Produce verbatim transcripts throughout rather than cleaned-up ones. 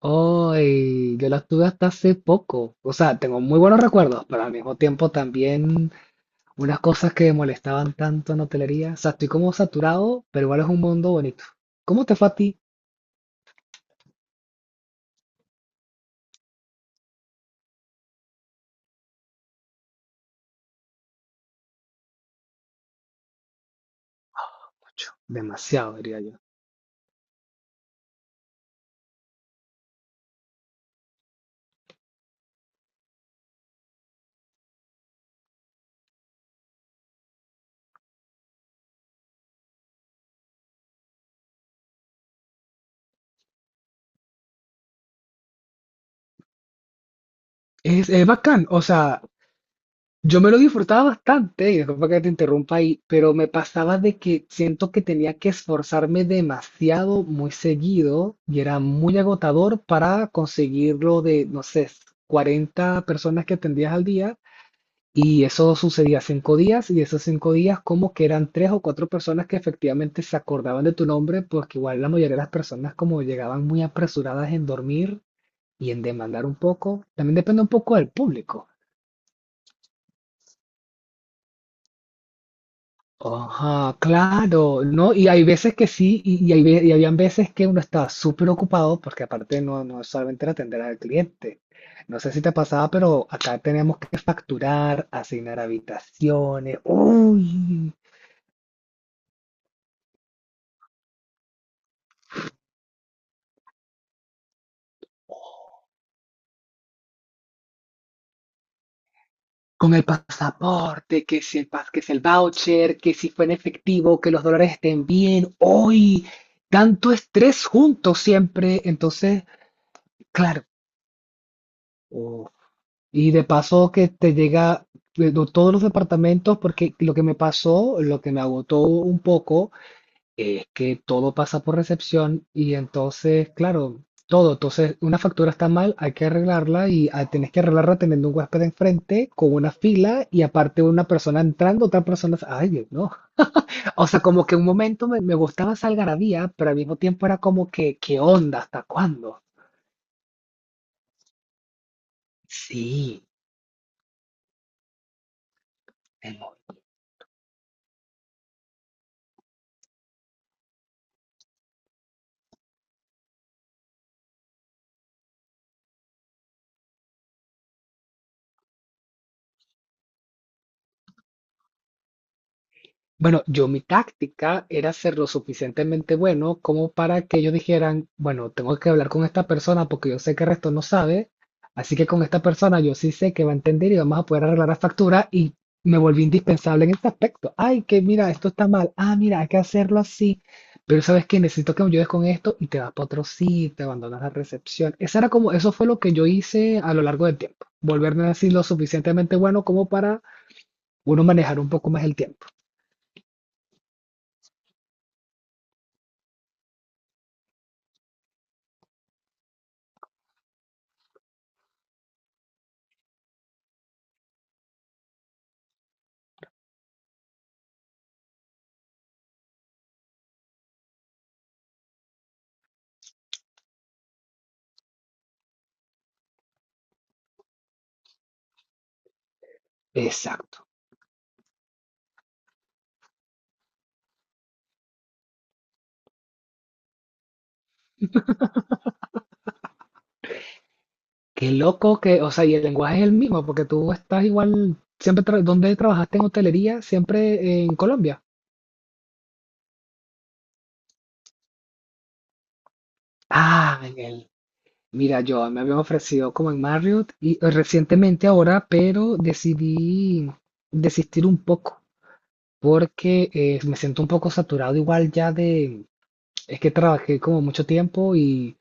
Hoy, yo las tuve hasta hace poco. O sea, tengo muy buenos recuerdos, pero al mismo tiempo también unas cosas que me molestaban tanto en hotelería. O sea, estoy como saturado, pero igual es un mundo bonito. ¿Cómo te fue a ti? Mucho, demasiado, diría yo. Es, es bacán, o sea, yo me lo disfrutaba bastante, y disculpa que te interrumpa ahí, pero me pasaba de que siento que tenía que esforzarme demasiado, muy seguido, y era muy agotador para conseguirlo de, no sé, cuarenta personas que atendías al día, y eso sucedía cinco días, y esos cinco días como que eran tres o cuatro personas que efectivamente se acordaban de tu nombre, porque igual la mayoría de las personas como llegaban muy apresuradas en dormir y en demandar un poco, también depende un poco del público. Ajá, claro, ¿no? Y hay veces que sí, y, y hay ve- y habían veces que uno estaba súper ocupado, porque aparte no, no solamente era atender al cliente. No sé si te pasaba, pero acá teníamos que facturar, asignar habitaciones, uy, con el pasaporte, que si el, pas- que si el voucher, que si fue en efectivo, que los dólares estén bien, uy, tanto estrés juntos siempre. Entonces, claro. Y de paso que te llega de to- todos los departamentos, porque lo que me pasó, lo que me agotó un poco, es que todo pasa por recepción y entonces, claro, todo. Entonces, una factura está mal, hay que arreglarla y ah, tienes que arreglarla teniendo un huésped enfrente con una fila y aparte una persona entrando, otra persona. Ay, Dios, no. O sea, como que un momento me, me gustaba esa algarabía, pero al mismo tiempo era como que, ¿qué onda? ¿Hasta cuándo? Sí. Bueno, yo mi táctica era ser lo suficientemente bueno como para que ellos dijeran, bueno, tengo que hablar con esta persona porque yo sé que el resto no sabe, así que con esta persona yo sí sé que va a entender y vamos a poder arreglar la factura y me volví indispensable en este aspecto. Ay, que mira, esto está mal. Ah, mira, hay que hacerlo así. Pero sabes que necesito que me ayudes con esto y te vas para otro sitio, te abandonas la recepción. Esa era como, eso fue lo que yo hice a lo largo del tiempo. Volverme así lo suficientemente bueno como para uno manejar un poco más el tiempo. Exacto. Qué loco que, o sea, y el lenguaje es el mismo, porque tú estás igual, siempre, tra- ¿dónde trabajaste en hotelería? Siempre en Colombia. Ah, en el. Mira, yo me habían ofrecido como en Marriott y eh, recientemente ahora, pero decidí desistir un poco porque eh, me siento un poco saturado igual ya de, es que trabajé como mucho tiempo y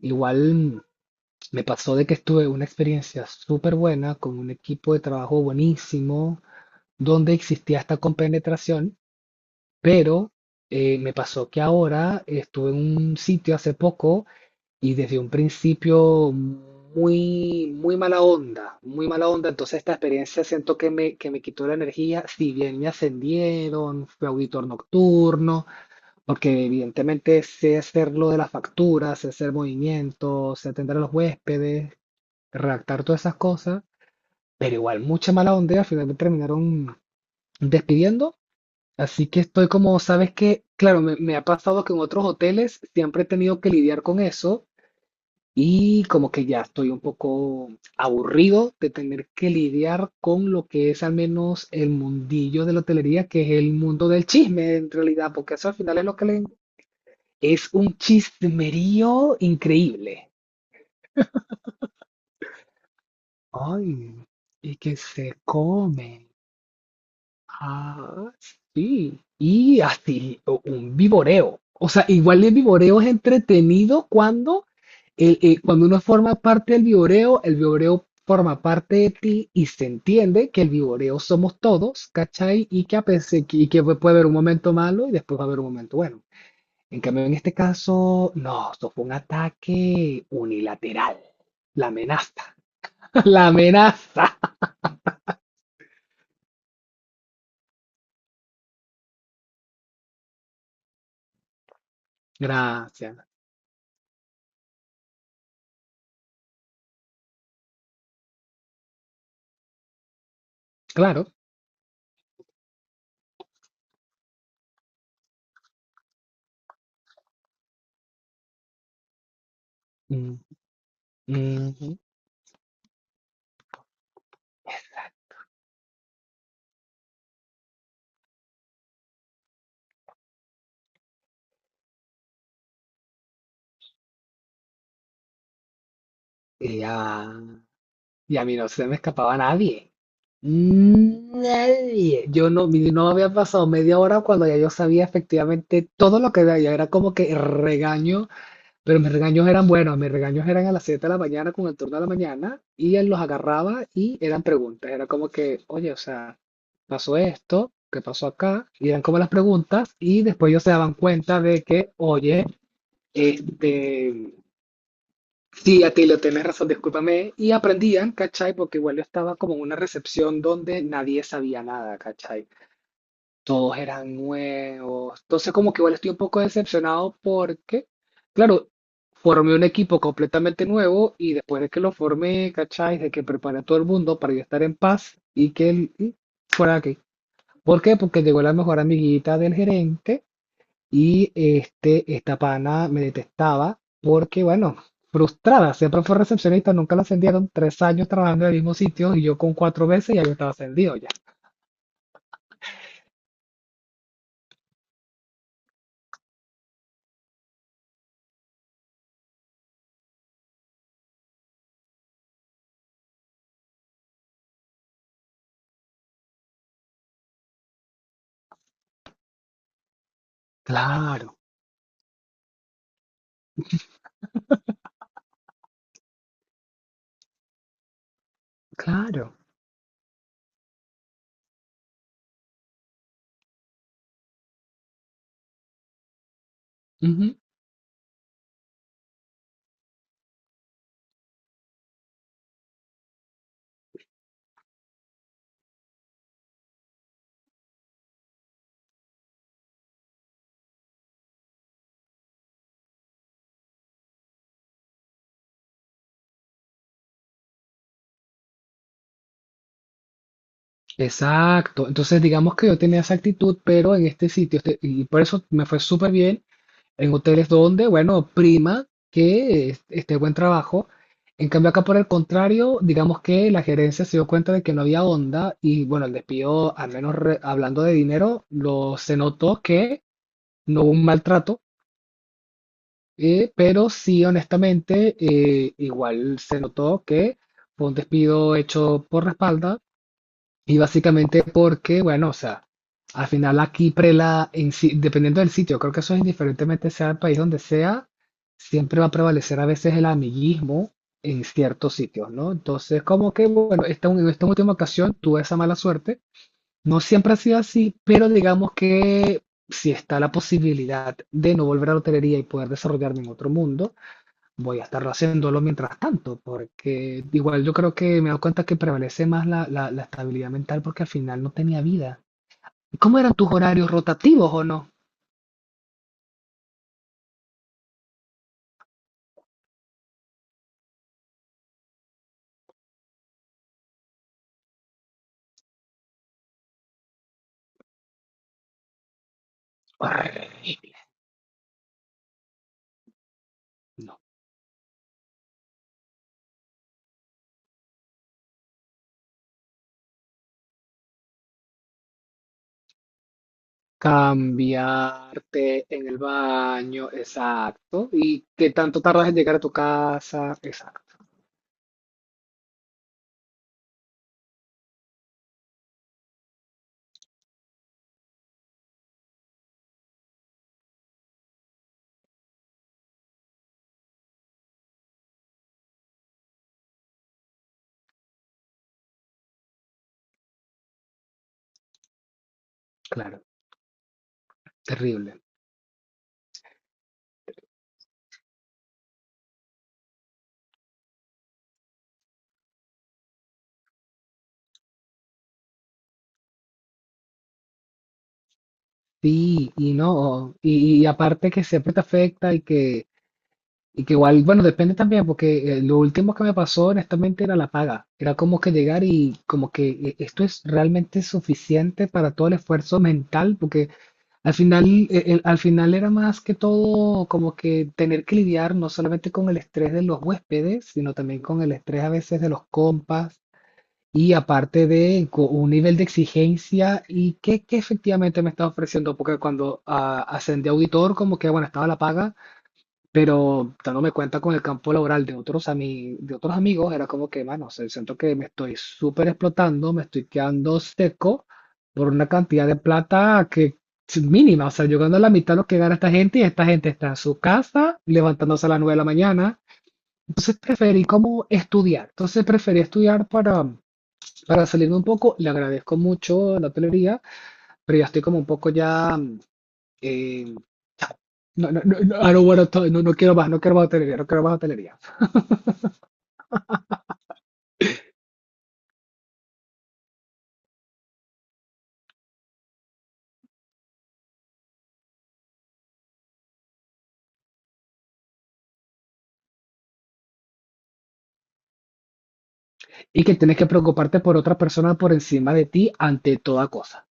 igual mm, me pasó de que estuve una experiencia súper buena con un equipo de trabajo buenísimo donde existía esta compenetración. Pero eh, me pasó que ahora estuve en un sitio hace poco y desde un principio muy, muy mala onda, muy mala onda. Entonces esta experiencia siento que me, que me quitó la energía, si bien me ascendieron, fui auditor nocturno, porque evidentemente sé hacer lo de las facturas, sé hacer movimientos, sé atender a los huéspedes, redactar todas esas cosas, pero igual mucha mala onda, y al final me terminaron despidiendo. Así que estoy como, sabes que, claro, me, me ha pasado que en otros hoteles siempre he tenido que lidiar con eso y como que ya estoy un poco aburrido de tener que lidiar con lo que es al menos el mundillo de la hotelería, que es el mundo del chisme en realidad, porque eso al final es lo que le. Es un chismerío increíble. Ay, y que se come. Ah, sí. Y así, o- un viboreo. O sea, igual el viboreo es entretenido cuando, el- eh, cuando uno forma parte del viboreo, el viboreo forma parte de ti y se entiende que el viboreo somos todos, ¿cachai? Y que, a pesar, y que puede haber un momento malo y después va a haber un momento bueno. En cambio, en este caso, no, esto fue un ataque unilateral. La amenaza, la amenaza. Gracias. Claro. Mm, mm. Mm. Y a, y a mí no se me escapaba nadie. Nadie. Yo no, mi- no había pasado media hora cuando ya yo sabía efectivamente todo lo que había. Era como que regaño, pero mis regaños eran buenos. Mis regaños eran a las siete de la mañana con el turno de la mañana y él los agarraba y eran preguntas. Era como que, oye, o sea, pasó esto, ¿qué pasó acá? Y eran como las preguntas y después ellos se daban cuenta de que, oye, este, sí, a ti lo tenés razón, discúlpame. Y aprendían, ¿cachai? Porque igual yo estaba como en una recepción donde nadie sabía nada, ¿cachai? Todos eran nuevos. Entonces, como que igual estoy un poco decepcionado porque, claro, formé un equipo completamente nuevo y después de que lo formé, ¿cachai? De que preparé a todo el mundo para yo estar en paz y que él y fuera aquí. ¿Por qué? Porque llegó la mejor amiguita del gerente y este, esta pana me detestaba porque, bueno, frustrada, siempre fue recepcionista, nunca la ascendieron, tres años trabajando en el mismo sitio y yo con cuatro veces ya yo estaba ascendido ya. Claro, claro. Ujú. Exacto. Entonces, digamos que yo tenía esa actitud, pero en este sitio, este- y por eso me fue súper bien en hoteles donde, bueno, prima que es- esté buen trabajo. En cambio, acá por el contrario, digamos que la gerencia se dio cuenta de que no había onda y bueno, el despido, al menos re- hablando de dinero, lo, se notó que no hubo un maltrato, eh, pero sí, honestamente, eh, igual se notó que fue un despido hecho por la espalda y básicamente porque, bueno, o sea, al final aquí prela, en si- dependiendo del sitio, creo que eso es indiferentemente sea el país donde sea, siempre va a prevalecer a veces el amiguismo en ciertos sitios, ¿no? Entonces, como que, bueno, esta, en esta última ocasión tuve esa mala suerte. No siempre ha sido así, pero digamos que si está la posibilidad de no volver a la hotelería y poder desarrollarme en otro mundo, voy a estarlo haciéndolo mientras tanto, porque igual yo creo que me he dado cuenta que prevalece más la, la, la estabilidad mental porque al final no tenía vida. ¿Y ¿Cómo eran tus horarios rotativos o no? No. Cambiarte en el baño, exacto. ¿Y qué tanto tardas en llegar a tu casa? Exacto, claro, terrible. Sí, y no, y, y aparte que siempre te afecta y que y que igual, bueno, depende también, porque eh, lo último que me pasó honestamente era la paga. Era como que llegar y como que eh, esto es realmente suficiente para todo el esfuerzo mental, porque al final, eh, el- al final era más que todo como que tener que lidiar no solamente con el estrés de los huéspedes, sino también con el estrés a veces de los compas y aparte de co- un nivel de exigencia y qué, qué efectivamente me estaba ofreciendo, porque cuando ah, ascendí a auditor, como que, bueno, estaba la paga pero dándome cuenta con el campo laboral de otros, ami- de otros amigos, era como que, mano, o sea, siento que me estoy súper explotando, me estoy quedando seco por una cantidad de plata que es mínima. O sea, yo gano la mitad de lo que gana esta gente y esta gente está en su casa levantándose a las nueve de la mañana. Entonces preferí como estudiar. Entonces preferí estudiar para, para salirme un poco. Le agradezco mucho la hotelería, pero ya estoy como un poco ya. Mm, eh, no, no, no, no, I don't wanna talk- no, no quiero más, no quiero más hotelería, no quiero más hotelería. Y que tienes que preocuparte por otra persona por encima de ti ante toda cosa.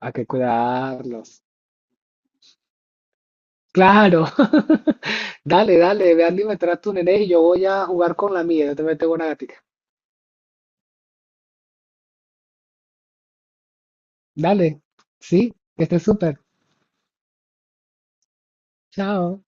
Hay que cuidarlos. Claro. Dale, dale, ve a alimentar a tu nene y yo voy a jugar con la mía. Yo te tengo una gatica. Dale. Sí, que estés súper. Chao.